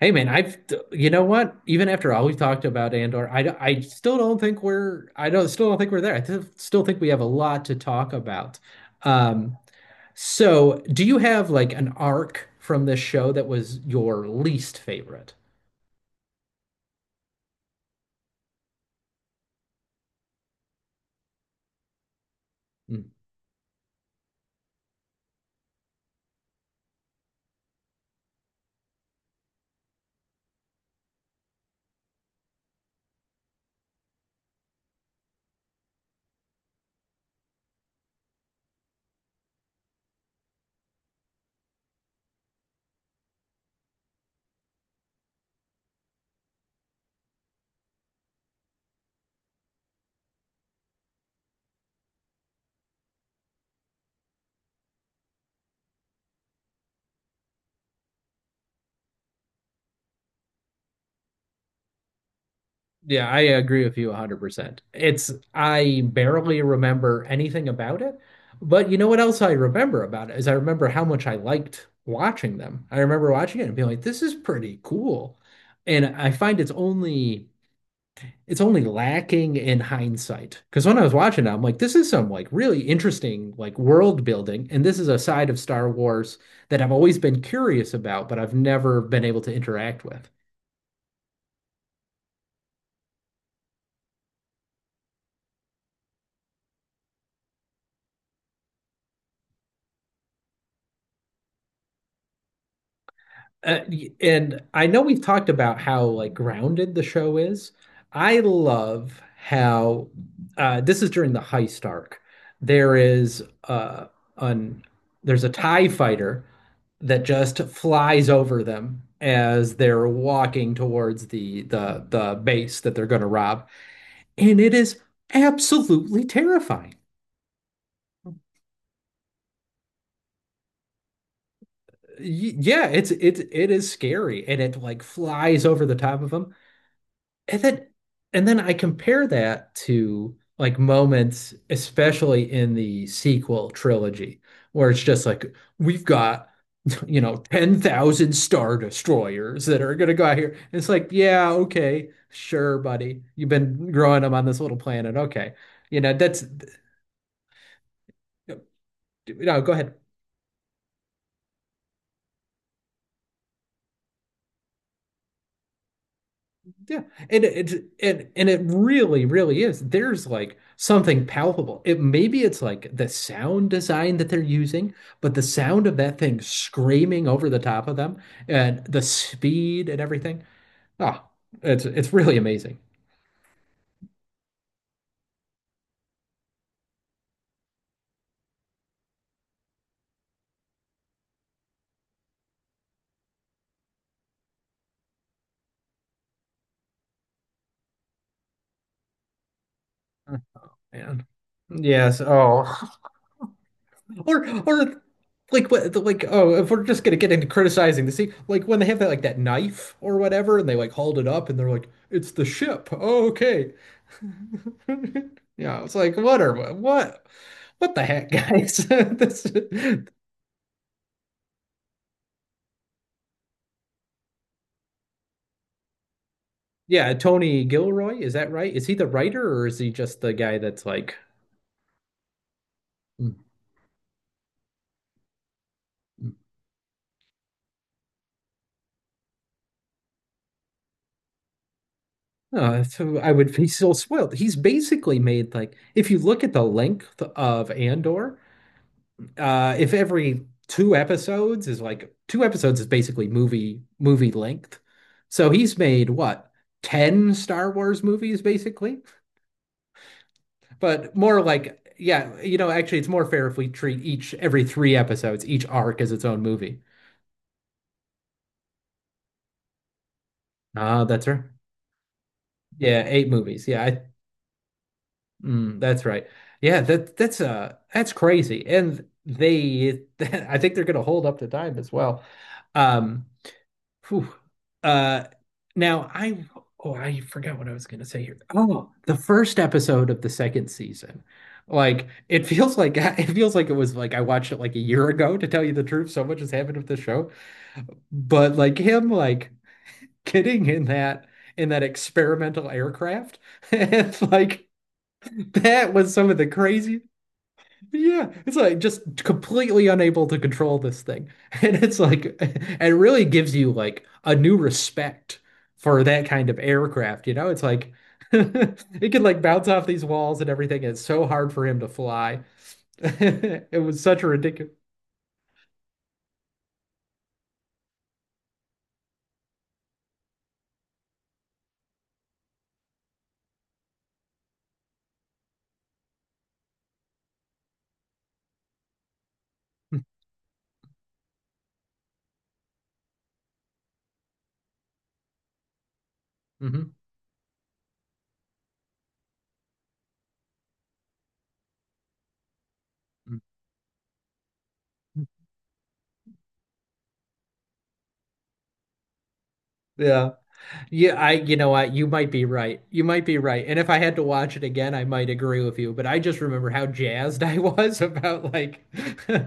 Hey man, I've you know what? Even after all we've talked about Andor, I still don't think we're I don't still don't think we're there. I th Still think we have a lot to talk about. Um, so do you have like an arc from this show that was your least favorite? Mm-hmm. Yeah, I agree with you 100%. It's I barely remember anything about it, but you know what else I remember about it is I remember how much I liked watching them. I remember watching it and being like, this is pretty cool. And I find it's only lacking in hindsight. Because when I was watching it, I'm like, this is some like really interesting like world building, and this is a side of Star Wars that I've always been curious about, but I've never been able to interact with. Uh, and I know we've talked about how like grounded the show is. I love how this is during the heist arc. There is an there's a TIE fighter that just flies over them as they're walking towards the base that they're going to rob, and it is absolutely terrifying. Yeah, it's it is scary, and it like flies over the top of them. And then and then I compare that to like moments, especially in the sequel trilogy, where it's just like we've got, you know, 10,000 Star Destroyers that are gonna go out here. It's like, yeah, okay, sure, buddy. You've been growing them on this little planet. Okay. You know, that's No, go ahead. Yeah, and it really, really is. There's like something palpable. It Maybe it's like the sound design that they're using, but the sound of that thing screaming over the top of them and the speed and everything. Ah, it's really amazing. Oh, man. Yes. Oh. Or like what like oh, if we're just gonna get into criticizing the sea, like when they have that knife or whatever and they like hauled it up and they're like it's the ship. Oh, okay. yeah, it's like what are what the heck, guys? this... yeah, Tony Gilroy, is that right? Is he the writer or is he just the guy that's like... Mm, mm. Oh, so I would be so spoiled. He's basically made... like if you look at the length of Andor, if every two episodes is like... two episodes is basically movie length. So he's made what, 10 Star Wars movies basically, but more like... yeah, you know, actually it's more fair if we treat each every three episodes, each arc, as its own movie. Ah, that's right. Yeah, eight movies. Mm, that's right. Yeah, that that's that's crazy. And they, I think they're going to hold up to time as well. Um Phew. Uh, Now I forgot what I was gonna say here. Oh, the first episode of the second season. Like it feels like... it feels like it was like I watched it like a year ago, to tell you the truth. So much has happened with the show. But like him like getting in that... in that experimental aircraft. It's like that was some of the crazy... yeah, it's like just completely unable to control this thing. And it's like, and it really gives you like a new respect for that kind of aircraft, you know? It's like it could like bounce off these walls and everything. It's so hard for him to fly. It was such a ridiculous... Mhm. Yeah. Yeah, I, you know what, you might be right. You might be right. And if I had to watch it again, I might agree with you, but I just remember how jazzed I was about like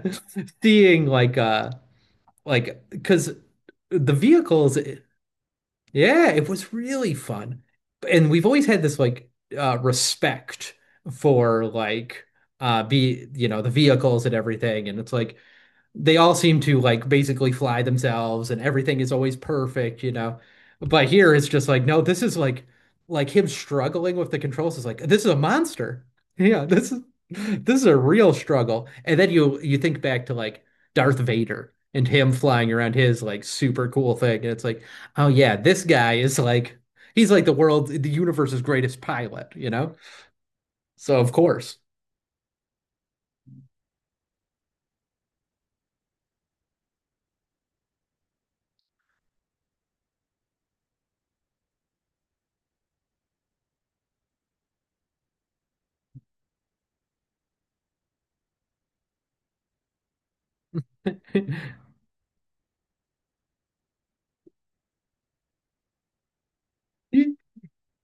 seeing because the vehicles, yeah, it was really fun. And we've always had this like respect for like be you know, the vehicles and everything. And it's like they all seem to like basically fly themselves and everything is always perfect, you know. But here it's just like, no, this is like... like him struggling with the controls is like this is a monster. Yeah, this is... this is a real struggle. And then you think back to like Darth Vader and him flying around his like super cool thing. And it's like, oh yeah, this guy is like... he's like the world, the universe's greatest pilot, you know? So of course.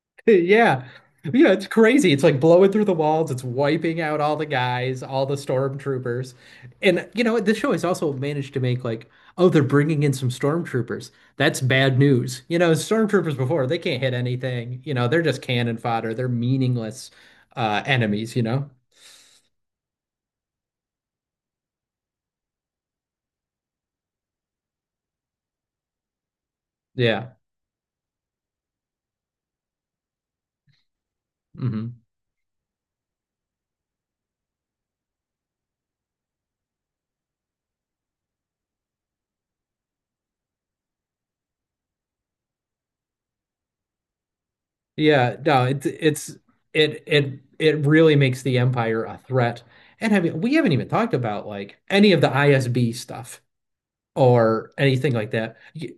Yeah. Yeah, it's crazy. It's like blowing through the walls. It's wiping out all the guys, all the stormtroopers. And you know what? This show has also managed to make like, oh, they're bringing in some stormtroopers. That's bad news. You know, stormtroopers before, they can't hit anything. You know, they're just cannon fodder. They're meaningless enemies, you know? Yeah. Hmm. Yeah, no, it's it it really makes the Empire a threat. And I mean, we haven't even talked about like any of the ISB stuff or anything like that.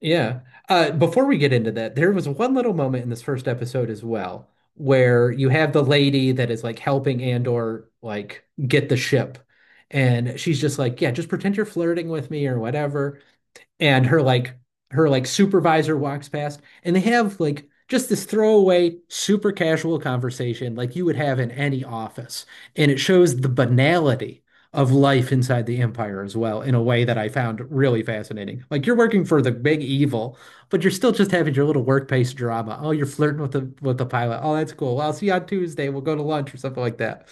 Yeah. Before we get into that, there was one little moment in this first episode as well where you have the lady that is like helping Andor like get the ship. And she's just like, yeah, just pretend you're flirting with me or whatever, and her like... her like supervisor walks past and they have like just this throwaway super casual conversation like you would have in any office, and it shows the banality of life inside the empire as well in a way that I found really fascinating. Like you're working for the big evil, but you're still just having your little workplace drama. Oh, you're flirting with the pilot. Oh, that's cool. I'll see you on Tuesday. We'll go to lunch or something like that.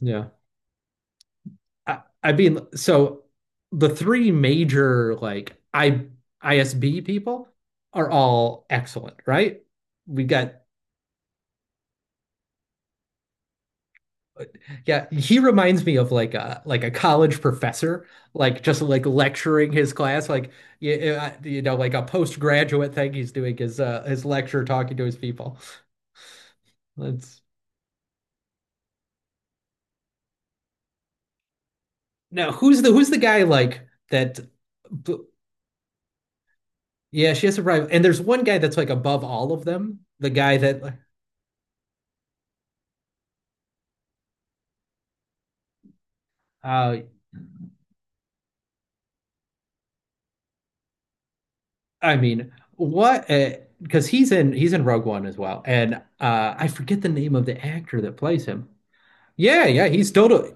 Yeah. I mean, so the three major like I ISB people are all excellent, right? We got... yeah, he reminds me of like a... like a college professor, like just like lecturing his class, like you know, like a postgraduate thing he's doing, his lecture, talking to his people. That's... now who's the guy like that... yeah, she has a rival. And there's one guy that's like above all of them, the guy that... Oh. I mean, what? Because he's in Rogue One as well, and I forget the name of the actor that plays him. Yeah, yeah, he's totally.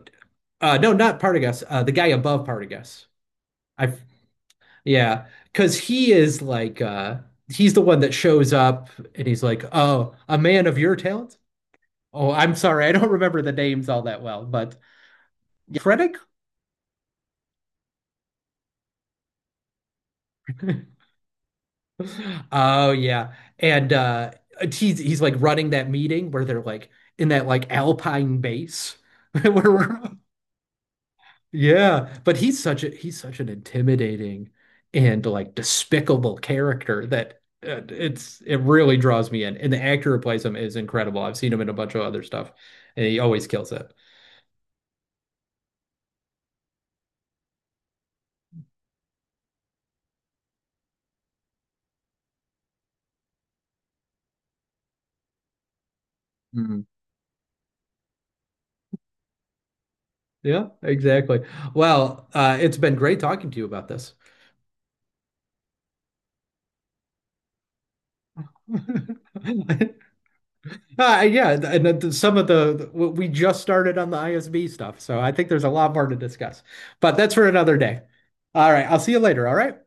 No, not Partagas. The guy above Partagas. I... yeah, because he is like he's the one that shows up and he's like, "Oh, a man of your talent." Oh, I'm sorry, I don't remember the names all that well, but... Krennic? Oh yeah. And he's like running that meeting where they're like in that like Alpine base where we're... yeah, but he's such an intimidating and like despicable character that it's... it really draws me in. And the actor who plays him is incredible. I've seen him in a bunch of other stuff and he always kills it. Mhm. Yeah, exactly. Well, it's been great talking to you about this. Yeah, some of we just started on the ISB stuff, so I think there's a lot more to discuss. But that's for another day. All right, I'll see you later, all right?